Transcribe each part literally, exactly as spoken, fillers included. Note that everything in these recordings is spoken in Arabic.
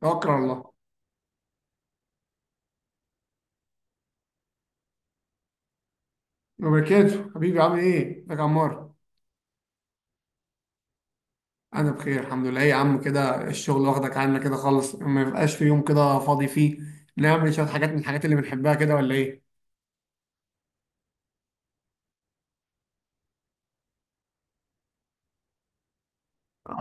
توكل على الله. وبركاته، حبيبي. عامل ايه، ازيك يا عمار؟ انا بخير الحمد لله. إيه يا عم، كده الشغل واخدك عنا كده خالص، ما يبقاش في يوم كده فاضي فيه؟ نعمل شويه حاجات من الحاجات اللي بنحبها كده ولا ايه؟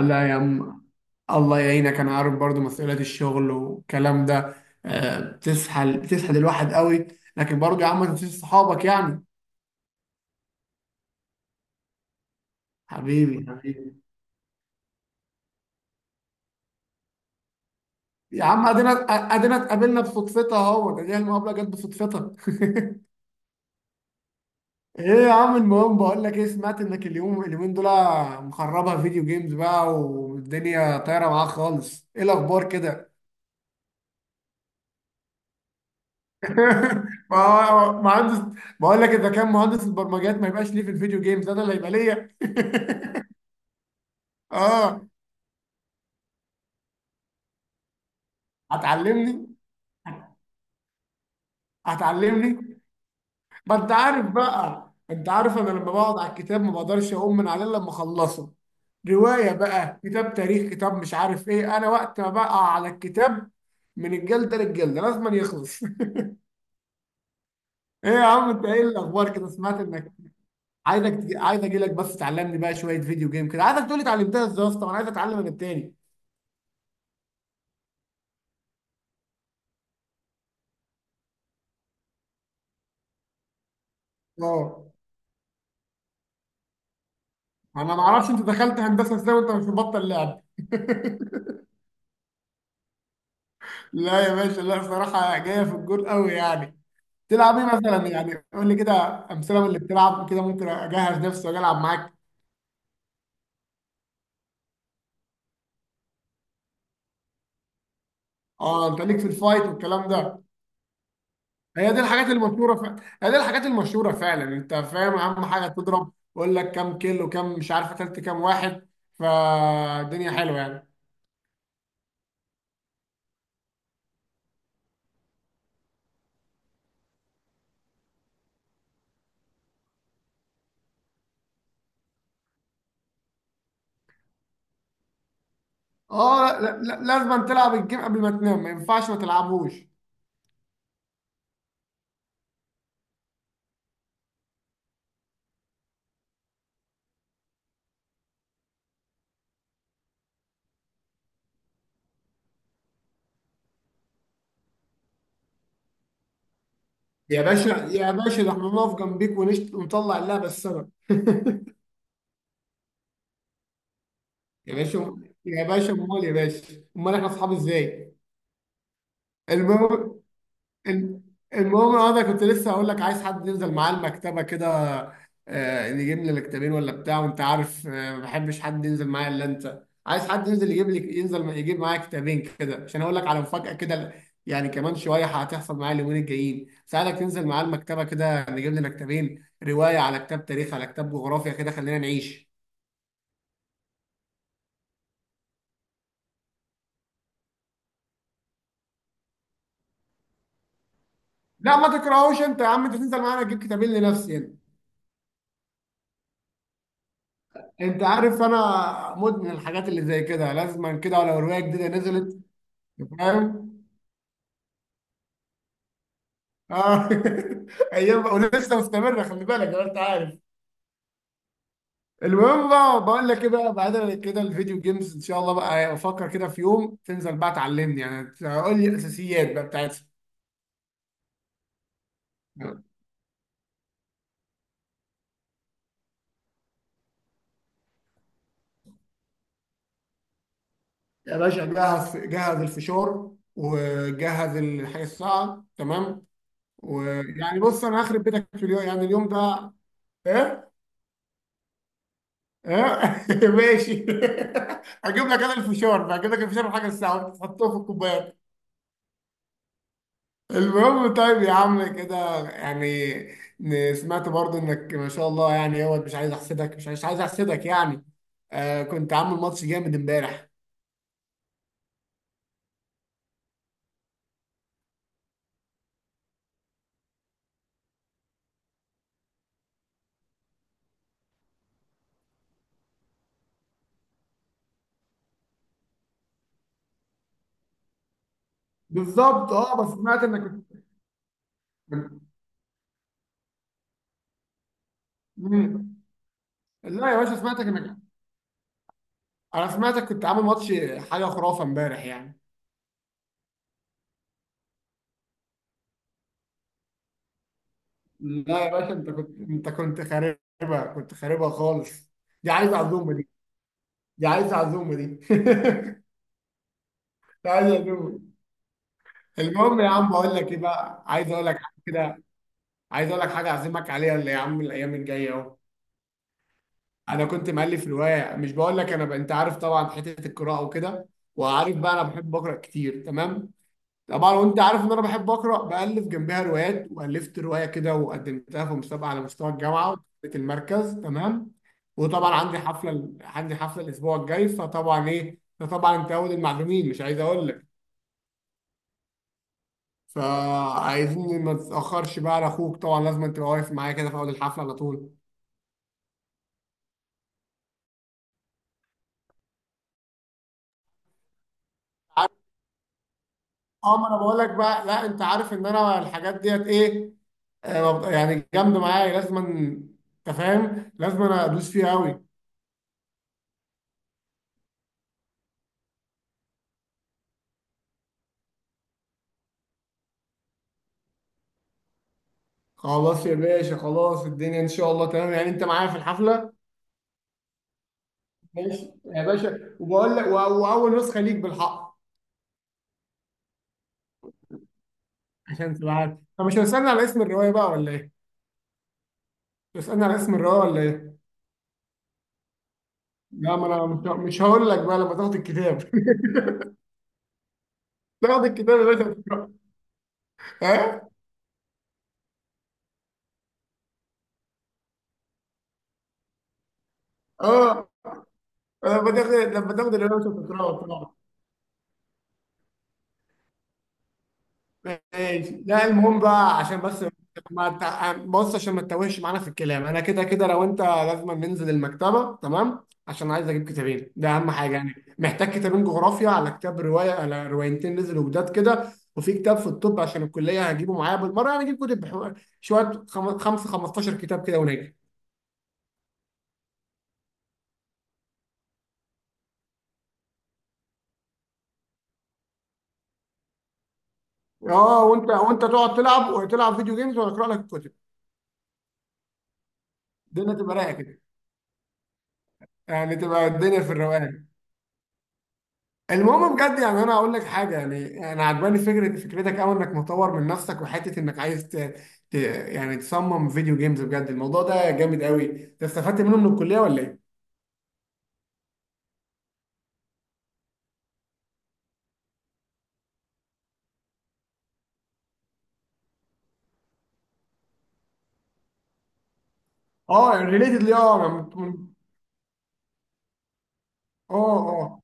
لا يا عم، الله يعينك، انا عارف برضو مسؤوليات الشغل والكلام ده. آه، بتسحل بتسحل الواحد قوي. لكن برضو يا عم ما تنساش صحابك يعني. حبيبي، حبيبي، يا عم ادينا، ادينا اتقابلنا بصدفتها اهو، ده دي المقابله جت بصدفتها. ايه يا عم، المهم بقول لك ايه، سمعت انك اليوم اليومين دول مخربها فيديو جيمز بقى والدنيا طايره معاك خالص، ايه الاخبار كده؟ ما- هو مهندس، بقول لك اذا كان مهندس البرمجيات ما يبقاش ليه في الفيديو جيمز انا اللي يبقى ليا. اه. هتعلمني، هتعلمني ما انت عارف بقى، انت عارف انا لما بقعد على الكتاب ما بقدرش اقوم من عليه إلا لما اخلصه. روايه بقى، كتاب تاريخ، كتاب مش عارف ايه، انا وقت ما بقى على الكتاب من الجلده للجلده لازم يخلص. ايه يا عم انت، ايه الاخبار كده، سمعت انك عايزك تجي... عايز اجي لك بس تعلمني بقى شويه فيديو جيم كده، عايزك تقول لي اتعلمتها ازاي يا اسطى، انا عايز اتعلم انا التاني. اه انا ما اعرفش انت دخلت هندسه ازاي وانت مش مبطل لعب. لا يا باشا، لا صراحه جايه في الجول قوي يعني. تلعب ايه مثلا يعني؟ قول لي كده امثله من اللي بتلعب كده، ممكن اجهز نفسي واجي العب معاك. اه انت ليك في الفايت والكلام ده. هي دي الحاجات المشهوره ف... هي دي الحاجات المشهوره فعلا. انت فاهم اهم حاجه؟ تضرب يقول لك كام كيلو، كام مش عارف قتلت كام واحد، فالدنيا حلوه يعني. اه لا لا لا- لازم تلعب الجيم قبل ما تنام، ما ينفعش ما تلعبوش. يا باشا، يا باشا، ده احنا نقف جنبيك ونشت ونطلع اللعبه السبب. يا باشا، يا باشا، امال يا باشا، امال احنا اصحاب ازاي؟ المهم، الم- المهم اه، انا ده كنت لسه هقول لك عايز حد ينزل معاه المكتبه كده، آه، نجيب لنا كتابين ولا بتاع، وانت عارف، آه، ما بحبش حد ينزل معايا الا انت. عايز حد ينزل يجيب لي، ينزل يجيب معايا كتابين كده، عشان اقول لك على مفاجاه كده يعني كمان شويه هتحصل معايا اليومين الجايين. سألك تنزل معاه المكتبه كده، نجيب لنا كتابين، روايه على كتاب تاريخ على كتاب جغرافيا كده، خلينا نعيش. لا ما تكرهوش انت يا عم، انت تنزل معانا تجيب كتابين لنفسي يعني. انت عارف انا مدمن الحاجات اللي زي كده، لازما كده، ولو روايه جديده نزلت. فاهم. اه. ايام ولسه مستمره، خلي بالك، لو انت عارف. المهم بقى، بقول لك ايه بقى، بعيدا عن كده، الفيديو جيمز ان شاء الله بقى افكر كده في يوم تنزل بقى تعلمني يعني، تقول لي الاساسيات بقى بتاعتها. يا باشا، جهز جهز الفشار، وجهز الحاجه الساعه تمام. ويعني بص، انا هخرب بيتك في اليوم يعني اليوم ده. ايه. ايه. ماشي. هجيب لك انا الفشار بقى، هجيب لك الفشار وحاجه الساعه، وانت تحطه في الكوبايه. المهم طيب يا عم كده يعني، ن- سمعت برضو انك ما شاء الله يعني، هو مش عايز احسدك، مش عايز مش عايز احسدك يعني، آه كنت عامل ماتش جامد امبارح. بالظبط. اه بس سمعت انك كنت. مم. لا يا باشا، سمعتك انك، انا سمعتك كنت عامل ماتش حاجه خرافه امبارح يعني. لا يا باشا، انت كنت انت كنت خاربها، كنت خاربها خالص. دي عايزه عزومه دي، دي عايزه عزومه دي. دي عايزه عزومه. المهم يا عم، بقول لك ايه بقى، عايز اقول لك كده، عايز اقول لك حاجه اعزمك عليها، اللي يا عم الايام الجايه اهو. انا كنت مؤلف روايه، مش بقول لك انا ب... انت عارف طبعا حته القراءه وكده، وعارف بقى انا بحب اقرا كتير تمام. طبعا، وانت عارف ان انا بحب اقرا، بالف جنبها روايات، والفت روايه كده وقدمتها في مسابقه على مستوى الجامعه وكسبت المركز تمام. وطبعا عندي حفله ال- عندي حفله الاسبوع الجاي، فطبعا ايه ده، طبعا انت اول المعلومين، مش عايز اقول لك. فعايزين ما تتاخرش بقى على اخوك، طبعا لازم انت واقف معايا كده في اول الحفله على طول. اه ما انا بقول لك بقى، لا انت عارف ان انا الحاجات ديت ايه، آه، ببقى يعني جامده معايا، لازم انت فاهم، لازم انا ادوس فيها قوي. خلاص يا باشا، خلاص، الدنيا ان شاء الله تمام يعني، انت معايا في الحفله. ماشي يا باشا، وبقول لك و- واول نسخه ليك بالحق، عشان تبقى عارف. طب مش هتسالني على اسم الروايه بقى ولا ايه؟ تسالني على اسم الروايه ولا ايه؟ لا ما انا مش مش هقول لك بقى، لما تاخد الكتاب. تاخد الكتاب يا باشا تقراه. ها؟ اه، لما تاخد لما تاخد الروايه، مش هتقراها. ماشي. لا المهم بقى عشان بس، ما تع- بص عشان ما تتوهش معانا في الكلام، انا كده كده لو انت، لازم ننزل المكتبه تمام، عشان عايز اجيب كتابين، ده اهم حاجه يعني، محتاج كتابين جغرافيا على كتاب روايه على روايتين نزلوا جداد كده، وفي كتاب في الطب عشان الكليه هجيبه معايا بالمره يعني، اجيب كتب بحو- شويه، خم- خمسه خمستاشر كتاب كده ونجي. اه، وانت، وانت تقعد تلعب وتلعب فيديو جيمز وانا اقرا لك الكتب. الدنيا تبقى رايقه كده يعني، تبقى الدنيا في الروقان. المهم بجد، يعني انا اقول لك حاجه، يعني انا عجباني فكره فكرتك قوي، انك مطور من نفسك وحته انك عايز ت... ت... يعني تصمم فيديو جيمز، بجد الموضوع ده جامد قوي. انت استفدت منه من الكليه ولا ايه؟ اه، ريليتد ليه. اه من- من- اه اه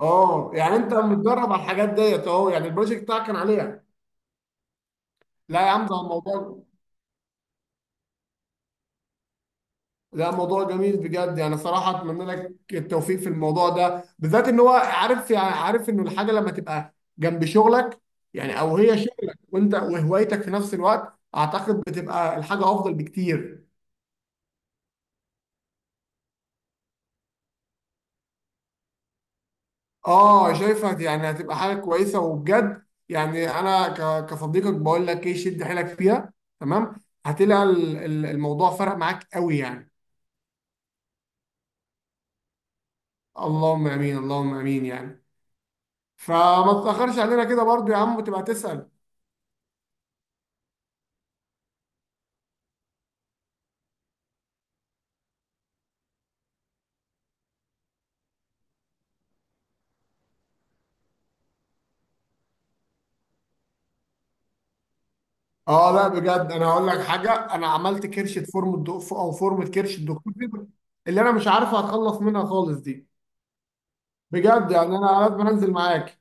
اه يعني انت متدرب على الحاجات ديت اهو، يعني البروجكت بتاعك كان عليها. لا يا عم، ده الموضوع، لا موضوع جميل بجد يعني، صراحة أتمنى لك التوفيق في الموضوع ده بالذات، إن هو عارف يعني، عارف إنه الحاجة لما تبقى جنب شغلك يعني، أو هي شغلك وأنت وهوايتك في نفس الوقت، أعتقد بتبقى الحاجة أفضل بكتير. آه شايفها يعني هتبقى حاجة كويسة وبجد يعني أنا ك- كصديقك بقول لك إيه، شد حيلك فيها. تمام، هتلاقي ال- ال- الموضوع فرق معاك قوي يعني. اللهم آمين، اللهم آمين يعني. فما تتأخرش علينا كده برضو يا عم، وتبقى تسأل. اه لا بجد، انا هقول لك حاجه، انا عملت كرشه فورمه دو... او فورمه كرش الدكتور فيبر اللي انا مش عارف اتخلص منها خالص دي، بجد يعني انا لازم انزل معاك.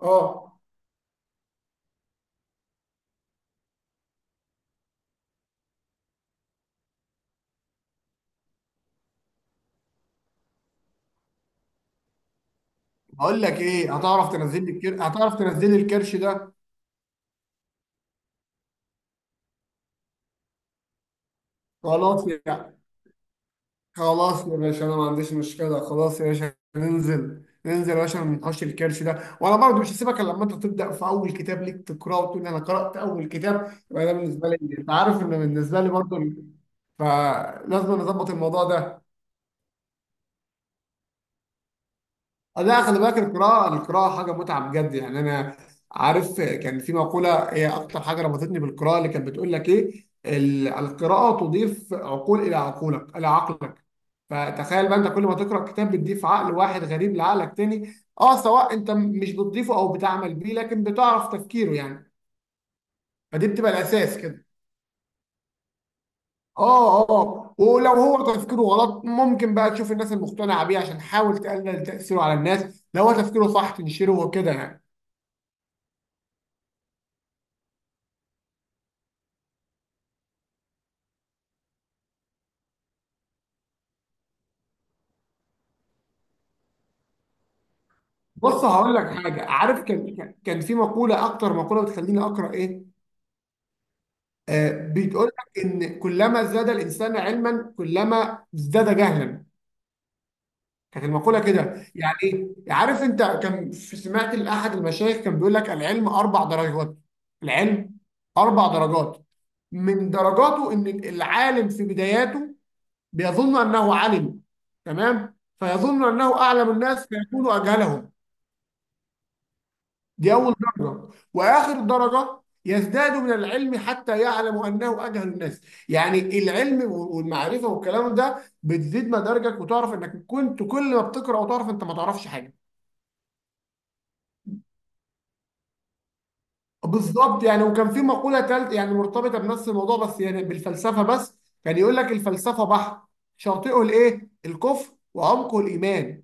اه، هقول لك ايه، هتعرف تنزل لي الكر... هتعرف تنزل لي الكرش ده؟ خلاص يعني، خلاص يا باشا، انا ما عنديش مشكله، خلاص يا باشا، ننزل، ننزل يا باشا، ما ننحوش الكرش ده، وانا برضه مش هسيبك الا لما انت تبدا في اول كتاب ليك تقراه وتقول انا قرات اول كتاب، يبقى ده بالنسبه لي، انت عارف ان بالنسبه لي برضه ال- فلازم نظبط الموضوع ده. آه، لا خلي بالك، القراءة، القراءة حاجة متعة بجد يعني، أنا عارف كان في مقولة هي أكتر حاجة ربطتني بالقراءة، اللي كانت بتقول لك إيه ال- القراءة تضيف عقول إلى عقولك، إلى عقلك. فتخيل بقى أنت كل ما تقرأ كتاب بتضيف عقل واحد غريب لعقلك تاني، أه سواء أنت مش بتضيفه أو بتعمل بيه لكن بتعرف تفكيره يعني، فدي بتبقى الأساس كده. اه اه، ولو هو تفكيره غلط ممكن بقى تشوف الناس المقتنعة بيه عشان تحاول تقلل تأثيره على الناس، لو هو تفكيره صح تنشره وكده يعني. بص هقول لك حاجه، عارف كان كان كان في مقوله، اكتر مقوله بتخليني اقرا ايه، آه بتقول لك ان كلما زاد الانسان علما كلما ازداد جهلا، كانت المقوله كده. يعني ايه؟ عارف انت، كان في سمعت لاحد المشايخ كان بيقول لك العلم اربع درجات، العلم اربع درجات من درجاته ان العالم في بداياته بيظن انه عالم تمام، فيظن انه اعلم الناس فيكون اجهلهم، دي أول درجة. وآخر درجة يزداد من العلم حتى يعلم أنه أجهل الناس، يعني العلم والمعرفة والكلام ده بتزيد مدارجك وتعرف أنك كنت، كل ما بتقرأ وتعرف أنت ما تعرفش حاجة. بالظبط يعني. وكان في مقولة تالت يعني مرتبطة بنفس الموضوع بس يعني بالفلسفة بس، كان يقول لك الفلسفة بحر شاطئه الإيه؟ الكفر، وعمقه الإيمان.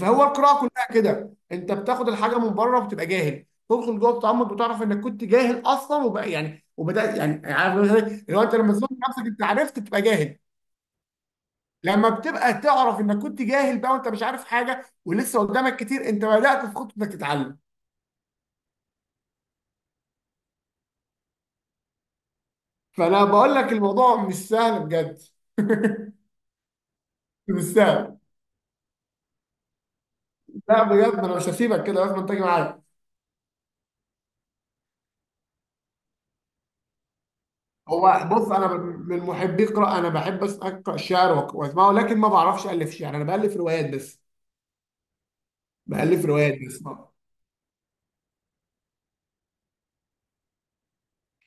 فهو القراءه كلها كده، انت بتاخد الحاجه من بره وبتبقى جاهل، تدخل جوه التعمق بتعرف انك كنت جاهل اصلا، وبقى يعني وبدات يعني عارف، اللي هو انت لما تظن نفسك انت عرفت تبقى جاهل، لما بتبقى تعرف انك كنت جاهل بقى وانت مش عارف حاجه ولسه قدامك كتير، انت بدات في خطوه انك تتعلم. فانا بقول لك الموضوع مش سهل بجد، مش سهل. لا بجد انا مش هسيبك كده، لازم تيجي معايا. هو بص، انا من من محبي القراءه، انا بحب أس- اقرا الشعر وأك- واسمعه، لكن ما بعرفش الف شعر، انا بالف روايات بس، بألف روايات بس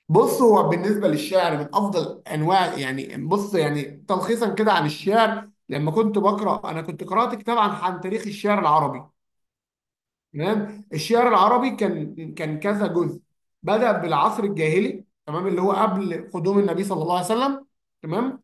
بص هو بالنسبة للشعر من أفضل أنواع، يعني بص يعني تلخيصا كده عن الشعر، لما كنت بقرأ أنا كنت قرأت كتاب عن عن تاريخ الشعر العربي تمام. الشعر العربي كان كان كذا جزء، بدأ بالعصر الجاهلي تمام، اللي هو قبل قدوم النبي صلى الله عليه وسلم تمام،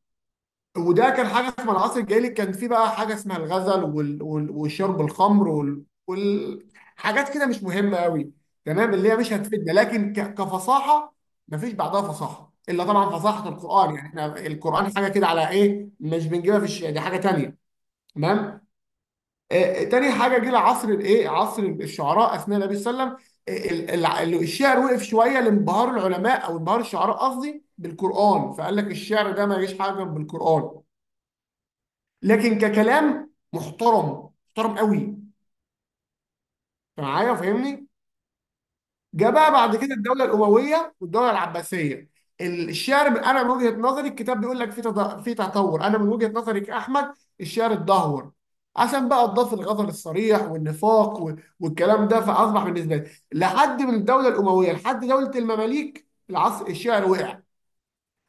وده كان حاجه اسمها العصر الجاهلي، كان في بقى حاجه اسمها الغزل وال... وال... وشرب الخمر وال... وال... حاجات كده مش مهمه قوي تمام، اللي هي مش هتفيدنا، لكن ك... كفصاحه، مفيش بعدها فصاحه الا طبعا فصاحه القران، يعني احنا القران حاجه كده على ايه، مش بنجيبها في الش... دي حاجه تانيه تمام. آه آه، تاني حاجه جه عصر الايه، عصر الشعراء اثناء النبي صلى الله عليه وسلم، ال- ال- ال- الشعر وقف شويه لانبهار العلماء او انبهار الشعراء قصدي بالقران، فقال لك الشعر ده ما يجيش حاجه بالقران، لكن ككلام محترم، محترم قوي. انت معايا فاهمني؟ جاء بقى بعد كده الدوله الامويه والدوله العباسيه، الشعر ب- انا من وجهه نظري الكتاب بيقول لك في تد- في تطور، انا من وجهه نظري كاحمد الشعر اتدهور، عشان بقى اضاف الغزل الصريح والنفاق و- والكلام ده، فاصبح بالنسبه لي لحد من الدوله الامويه لحد دوله المماليك العصر الشعر وقع.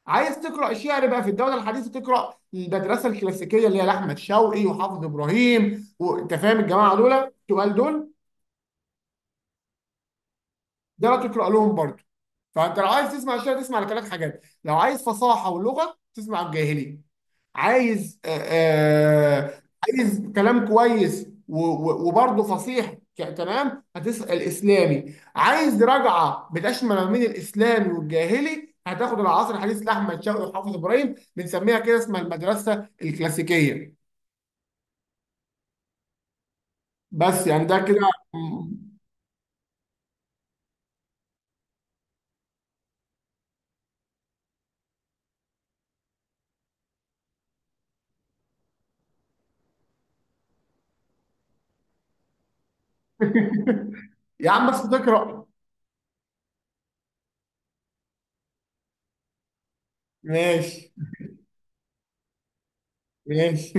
عايز تقرا شعر بقى في الدوله الحديثه، تقرا المدرسه الكلاسيكيه اللي هي لاحمد شوقي وحافظ ابراهيم، وانت فاهم الجماعه دول تقال دول، ده لا تقرا لهم برضه. فانت لو عايز تسمع الشعر، تسمع لثلاث حاجات: لو عايز فصاحه ولغه تسمع الجاهلي، عايز آه، آه، عايز كلام كويس و- و- وبرضه فصيح ك- كلام هتسأل إسلامي، عايز رجعة بتشمل ما بين الإسلامي والجاهلي هتاخد العصر الحديث لأحمد شوقي وحافظ إبراهيم، بنسميها كده اسمها المدرسة الكلاسيكية. بس يعني ده كده. يا عم بس تقرأ. ماشي. ماشي.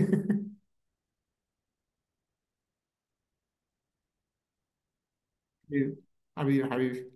حبيبي حبيبي.